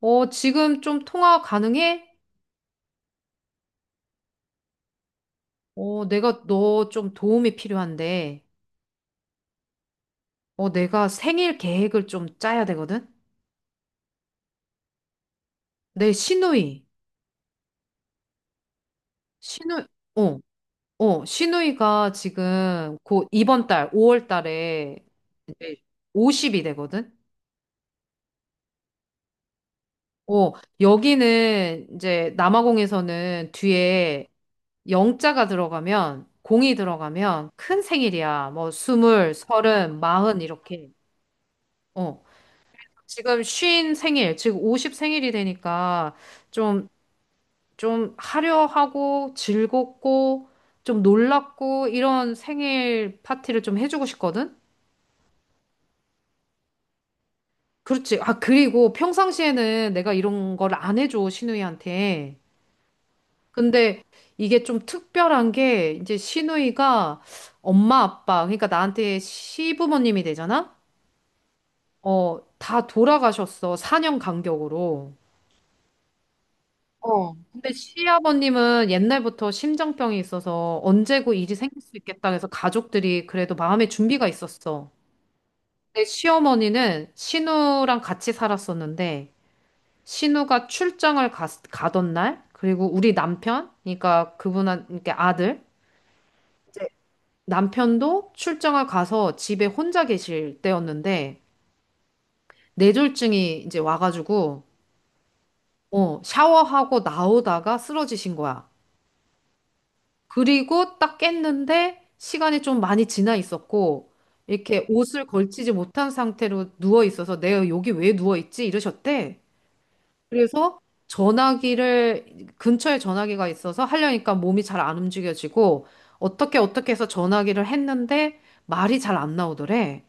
지금 좀 통화 가능해? 내가 너 좀 도움이 필요한데, 내가 생일 계획을 좀 짜야 되거든? 내 시누이, 어, 시누이가 지금 곧 이번 달, 5월 달에 이제 50이 되거든? 어, 여기는 이제 남아공에서는 뒤에 영자가 들어가면, 공이 들어가면 큰 생일이야. 뭐, 스물, 서른, 마흔, 이렇게. 어. 지금 쉰 생일, 지금 50 생일이 되니까 좀, 좀 화려하고 즐겁고 좀 놀랍고 이런 생일 파티를 좀 해주고 싶거든? 그렇지. 아, 그리고 평상시에는 내가 이런 걸 안 해줘, 시누이한테. 근데 이게 좀 특별한 게 이제 시누이가 엄마, 아빠, 그러니까 나한테 시부모님이 되잖아? 어, 다 돌아가셨어. 4년 간격으로. 어. 근데 시아버님은 옛날부터 심장병이 있어서 언제고 일이 생길 수 있겠다 해서 가족들이 그래도 마음의 준비가 있었어. 내 시어머니는 신우랑 같이 살았었는데 신우가 출장을 가던 날 그리고 우리 남편 그러니까 그분한 그러니까 아들 남편도 출장을 가서 집에 혼자 계실 때였는데 뇌졸중이 이제 와가지고 샤워하고 나오다가 쓰러지신 거야. 그리고 딱 깼는데 시간이 좀 많이 지나 있었고 이렇게 옷을 걸치지 못한 상태로 누워 있어서 내가 여기 왜 누워 있지? 이러셨대. 그래서 전화기를 근처에 전화기가 있어서 하려니까 몸이 잘 안 움직여지고 어떻게 어떻게 해서 전화기를 했는데 말이 잘 안 나오더래.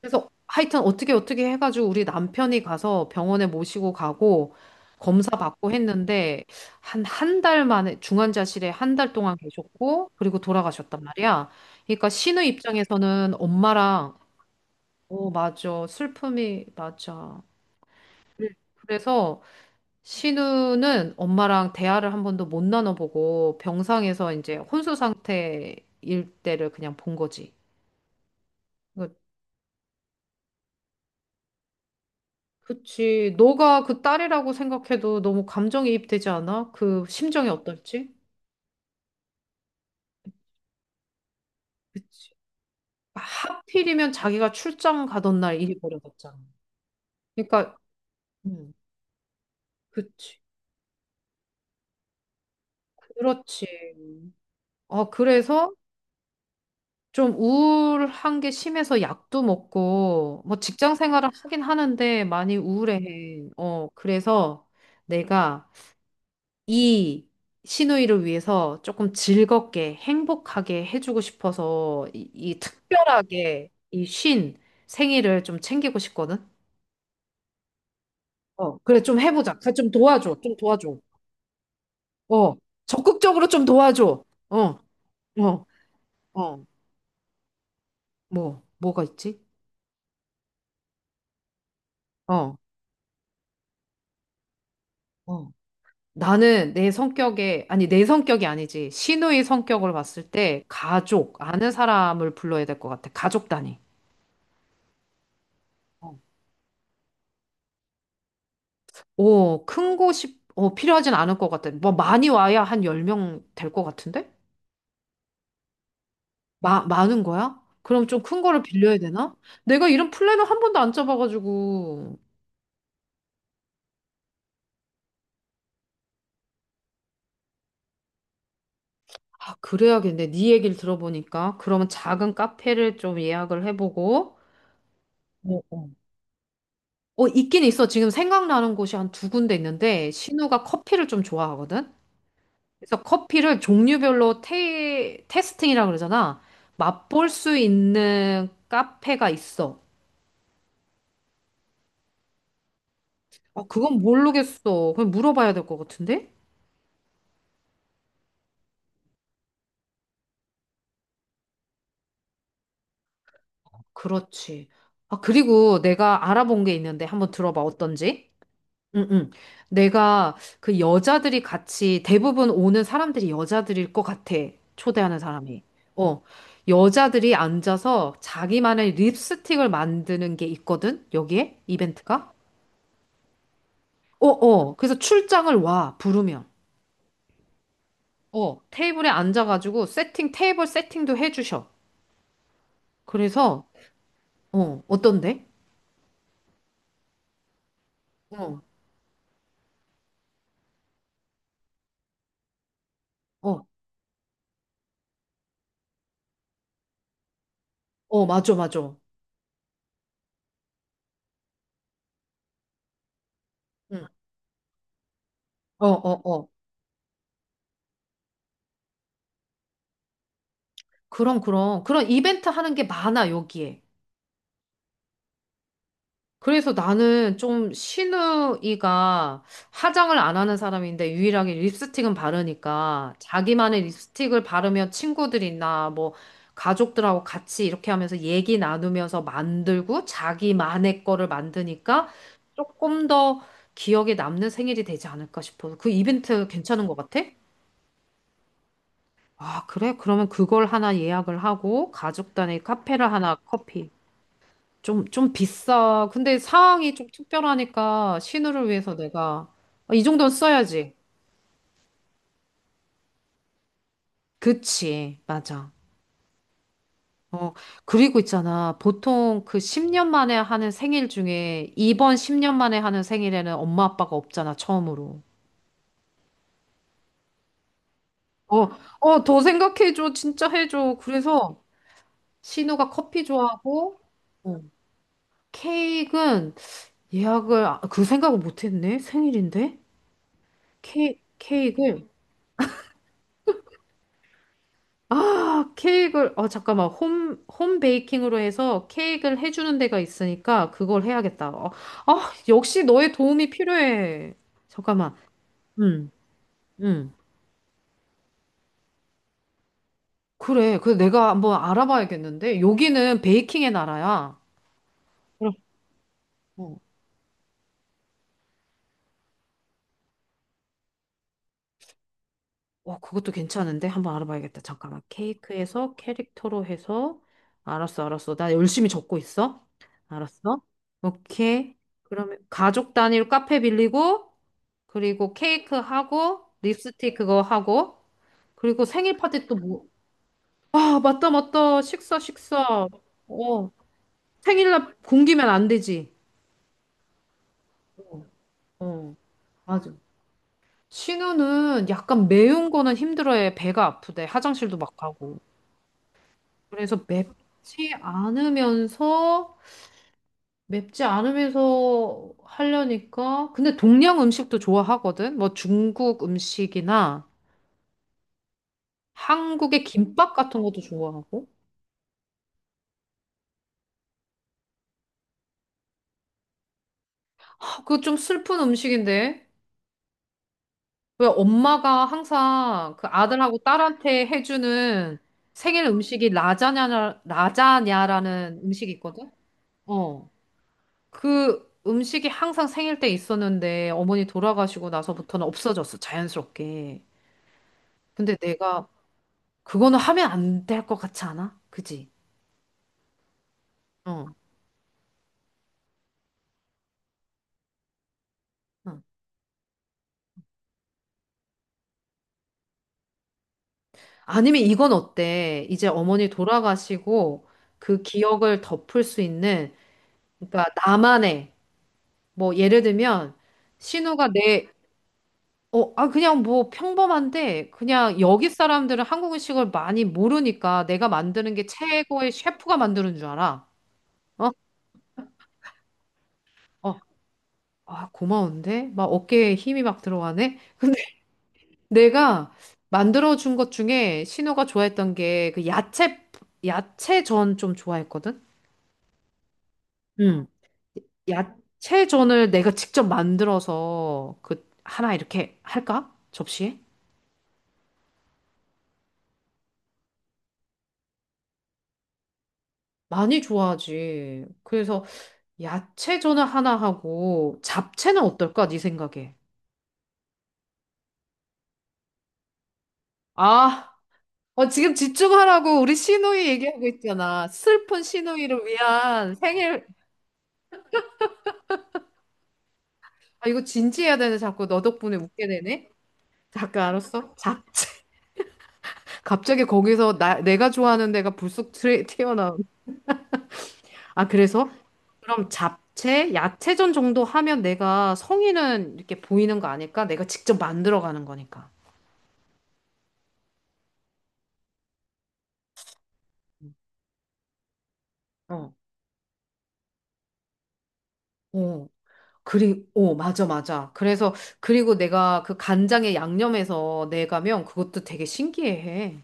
그래서 하여튼 어떻게 어떻게 해가지고 우리 남편이 가서 병원에 모시고 가고 검사 받고 했는데 한 한 달 만에 중환자실에 한 달 동안 계셨고 그리고 돌아가셨단 말이야. 그러니까 신우 입장에서는 엄마랑 어, 맞아. 슬픔이 맞아. 그래서 신우는 엄마랑 대화를 한 번도 못 나눠보고 병상에서 이제 혼수 상태일 때를 그냥 본 거지. 그러니까 그치. 너가 그 딸이라고 생각해도 너무 감정이입되지 않아? 그 심정이 어떨지? 그치. 하필이면 자기가 출장 가던 날 일이 벌어졌잖아. 그러니까, 음, 그치. 그렇지. 그래서 좀 우울한 게 심해서 약도 먹고, 뭐 직장 생활을 하긴 하는데 많이 우울해. 그래서 내가 이 시누이를 위해서 조금 즐겁게 행복하게 해주고 싶어서 이 특별하게 이 쉰 생일을 좀 챙기고 싶거든. 그래, 좀 해보자. 그래, 좀 도와줘. 좀 도와줘. 어, 적극적으로 좀 도와줘. 어, 어, 어. 뭐가 있지? 어, 어. 나는 내 성격에, 아니 내 성격이 아니지. 시누이 성격을 봤을 때 가족, 아는 사람을 불러야 될 것 같아. 가족 단위. 오, 큰 곳이 필요하진 않을 것 같아. 뭐 많이 와야 한 10명 될 것 같은데? 많은 거야? 그럼 좀 큰 거를 빌려야 되나? 내가 이런 플랜을 한 번도 안 짜봐가지고. 아, 그래야겠네. 네 얘기를 들어보니까. 그러면 작은 카페를 좀 예약을 해보고. 어, 어. 있긴 있어. 지금 생각나는 곳이 한 두 군데 있는데, 신우가 커피를 좀 좋아하거든? 그래서 커피를 종류별로 테스팅이라 그러잖아. 맛볼 수 있는 카페가 있어. 아, 그건 모르겠어. 그냥 물어봐야 될 것 같은데? 그렇지. 아, 그리고 내가 알아본 게 있는데 한번 들어봐, 어떤지? 응, 응. 내가 그 여자들이 같이 대부분 오는 사람들이 여자들일 것 같아. 초대하는 사람이. 어. 여자들이 앉아서 자기만의 립스틱을 만드는 게 있거든? 여기에? 이벤트가? 어, 어. 그래서 출장을 와, 부르면. 어. 테이블에 앉아가지고 세팅, 테이블 세팅도 해주셔. 그래서, 어떤데? 어. 어, 맞아, 맞아. 응. 어, 어, 어. 그럼, 그럼. 그런 이벤트 하는 게 많아, 여기에. 그래서 나는 좀 신우이가 화장을 안 하는 사람인데 유일하게 립스틱은 바르니까 자기만의 립스틱을 바르면 친구들이나 뭐 가족들하고 같이 이렇게 하면서 얘기 나누면서 만들고 자기만의 거를 만드니까 조금 더 기억에 남는 생일이 되지 않을까 싶어서 그 이벤트 괜찮은 것 같아? 아, 그래? 그러면 그걸 하나 예약을 하고 가족 단위 카페를 하나 커피. 좀 비싸. 근데 상황이 좀 특별하니까 신우를 위해서 내가 아, 이 정도는 써야지. 그치. 맞아. 어, 그리고 있잖아. 보통 그 10년 만에 하는 생일 중에 이번 10년 만에 하는 생일에는 엄마 아빠가 없잖아. 처음으로. 어, 어, 더 생각해줘. 진짜 해줘. 그래서 신우가 커피 좋아하고 어, 케이크는 예약을 아, 그 생각을 못했네. 생일인데 케 케이크를 아, 케이크를. 잠깐만. 홈 베이킹으로 해서 케이크를 해주는 데가 있으니까 그걸 해야겠다. 아, 역시 너의 도움이 필요해. 잠깐만. 응, 응. 그래. 그 내가 한번 알아봐야겠는데 여기는 베이킹의 나라야. 그럼. 그것도 괜찮은데? 한번 알아봐야겠다. 잠깐만. 케이크에서 캐릭터로 해서. 알았어, 알았어. 나 열심히 적고 있어. 알았어. 오케이. 그러면 가족 단위로 카페 빌리고, 그리고 케이크 하고, 립스틱 그거 하고, 그리고 생일 파티 또 뭐. 아, 맞다, 맞다. 식사, 식사. 어. 생일날 굶기면 안 되지. 어, 맞아. 신우는 약간 매운 거는 힘들어해. 배가 아프대. 화장실도 막 가고. 그래서 맵지 않으면서 하려니까 근데 동양 음식도 좋아하거든. 뭐 중국 음식이나 한국의 김밥 같은 것도 좋아하고. 아, 그거 좀 슬픈 음식인데. 왜 엄마가 항상 그 아들하고 딸한테 해주는 생일 음식이 라자냐라는 음식이 있거든. 어. 그 음식이 항상 생일 때 있었는데 어머니 돌아가시고 나서부터는 없어졌어. 자연스럽게. 근데 내가 그거는 하면 안 될 것 같지 않아? 그지? 어. 어. 아니면 이건 어때? 이제 어머니 돌아가시고 그 기억을 덮을 수 있는 그러니까 나만의 뭐 예를 들면 신우가 내 아, 그냥 뭐 평범한데 그냥 여기 사람들은 한국 음식을 많이 모르니까 내가 만드는 게 최고의 셰프가 만드는 줄 알아. 어? 어. 아, 고마운데? 막 어깨에 힘이 막 들어가네? 내가 만들어준 것 중에 신우가 좋아했던 게 그 야채전 좀 좋아했거든? 응. 야채전을 내가 직접 만들어서 그 하나 이렇게 할까? 접시에? 많이 좋아하지. 그래서 야채전을 하나 하고 잡채는 어떨까? 네 생각에. 아, 지금 집중하라고 우리 신우이 얘기하고 있잖아. 슬픈 신우이를 위한 생일. 아, 이거 진지해야 되네. 자꾸 너 덕분에 웃게 되네. 잠깐 알았어? 잡채. 갑자기 거기서 내가 좋아하는 데가 불쑥 튀어나온. 아, 그래서? 그럼 잡채, 야채전 정도 하면 내가 성의는 이렇게 보이는 거 아닐까? 내가 직접 만들어 가는 거니까. 어. 어, 맞아, 맞아. 그래서, 그리고 내가 그 간장에 양념해서 내가면 그것도 되게 신기해.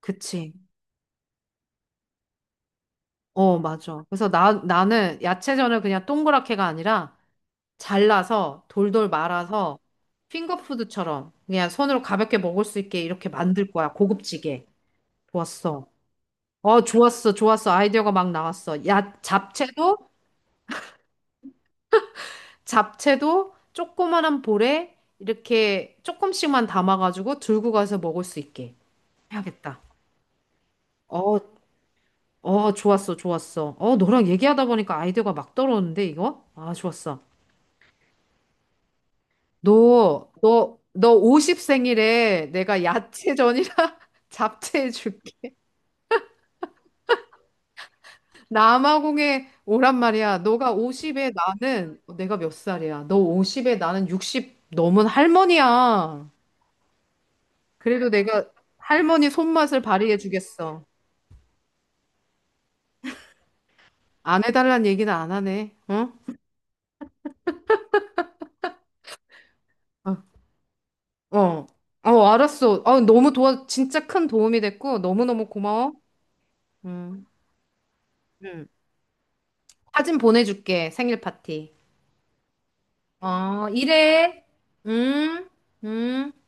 그치? 어, 맞아. 그래서 나는 야채전을 그냥 동그랗게가 아니라 잘라서 돌돌 말아서 핑거푸드처럼 그냥 손으로 가볍게 먹을 수 있게 이렇게 만들 거야. 고급지게. 좋았어. 좋았어. 좋았어. 아이디어가 막 나왔어. 야, 잡채도 조그만한 볼에 이렇게 조금씩만 담아가지고 들고 가서 먹을 수 있게 해야겠다. 어, 좋았어. 좋았어. 너랑 얘기하다 보니까 아이디어가 막 떨어오는데 이거? 아, 좋았어. 너 50 생일에 내가 야채전이랑 잡채 해줄게. 남아공에 오란 말이야. 너가 50에 나는, 내가 몇 살이야? 너 50에 나는 60 넘은 할머니야. 그래도 내가 할머니 손맛을 발휘해 주겠어. 안 해달란 얘기는 안 하네. 응? 어, 어, 어, 어, 알았어. 너무 도와, 진짜 큰 도움이 됐고, 너무너무 고마워. 응, 응. 사진 보내줄게. 생일 파티. 어, 이래. 응, 응.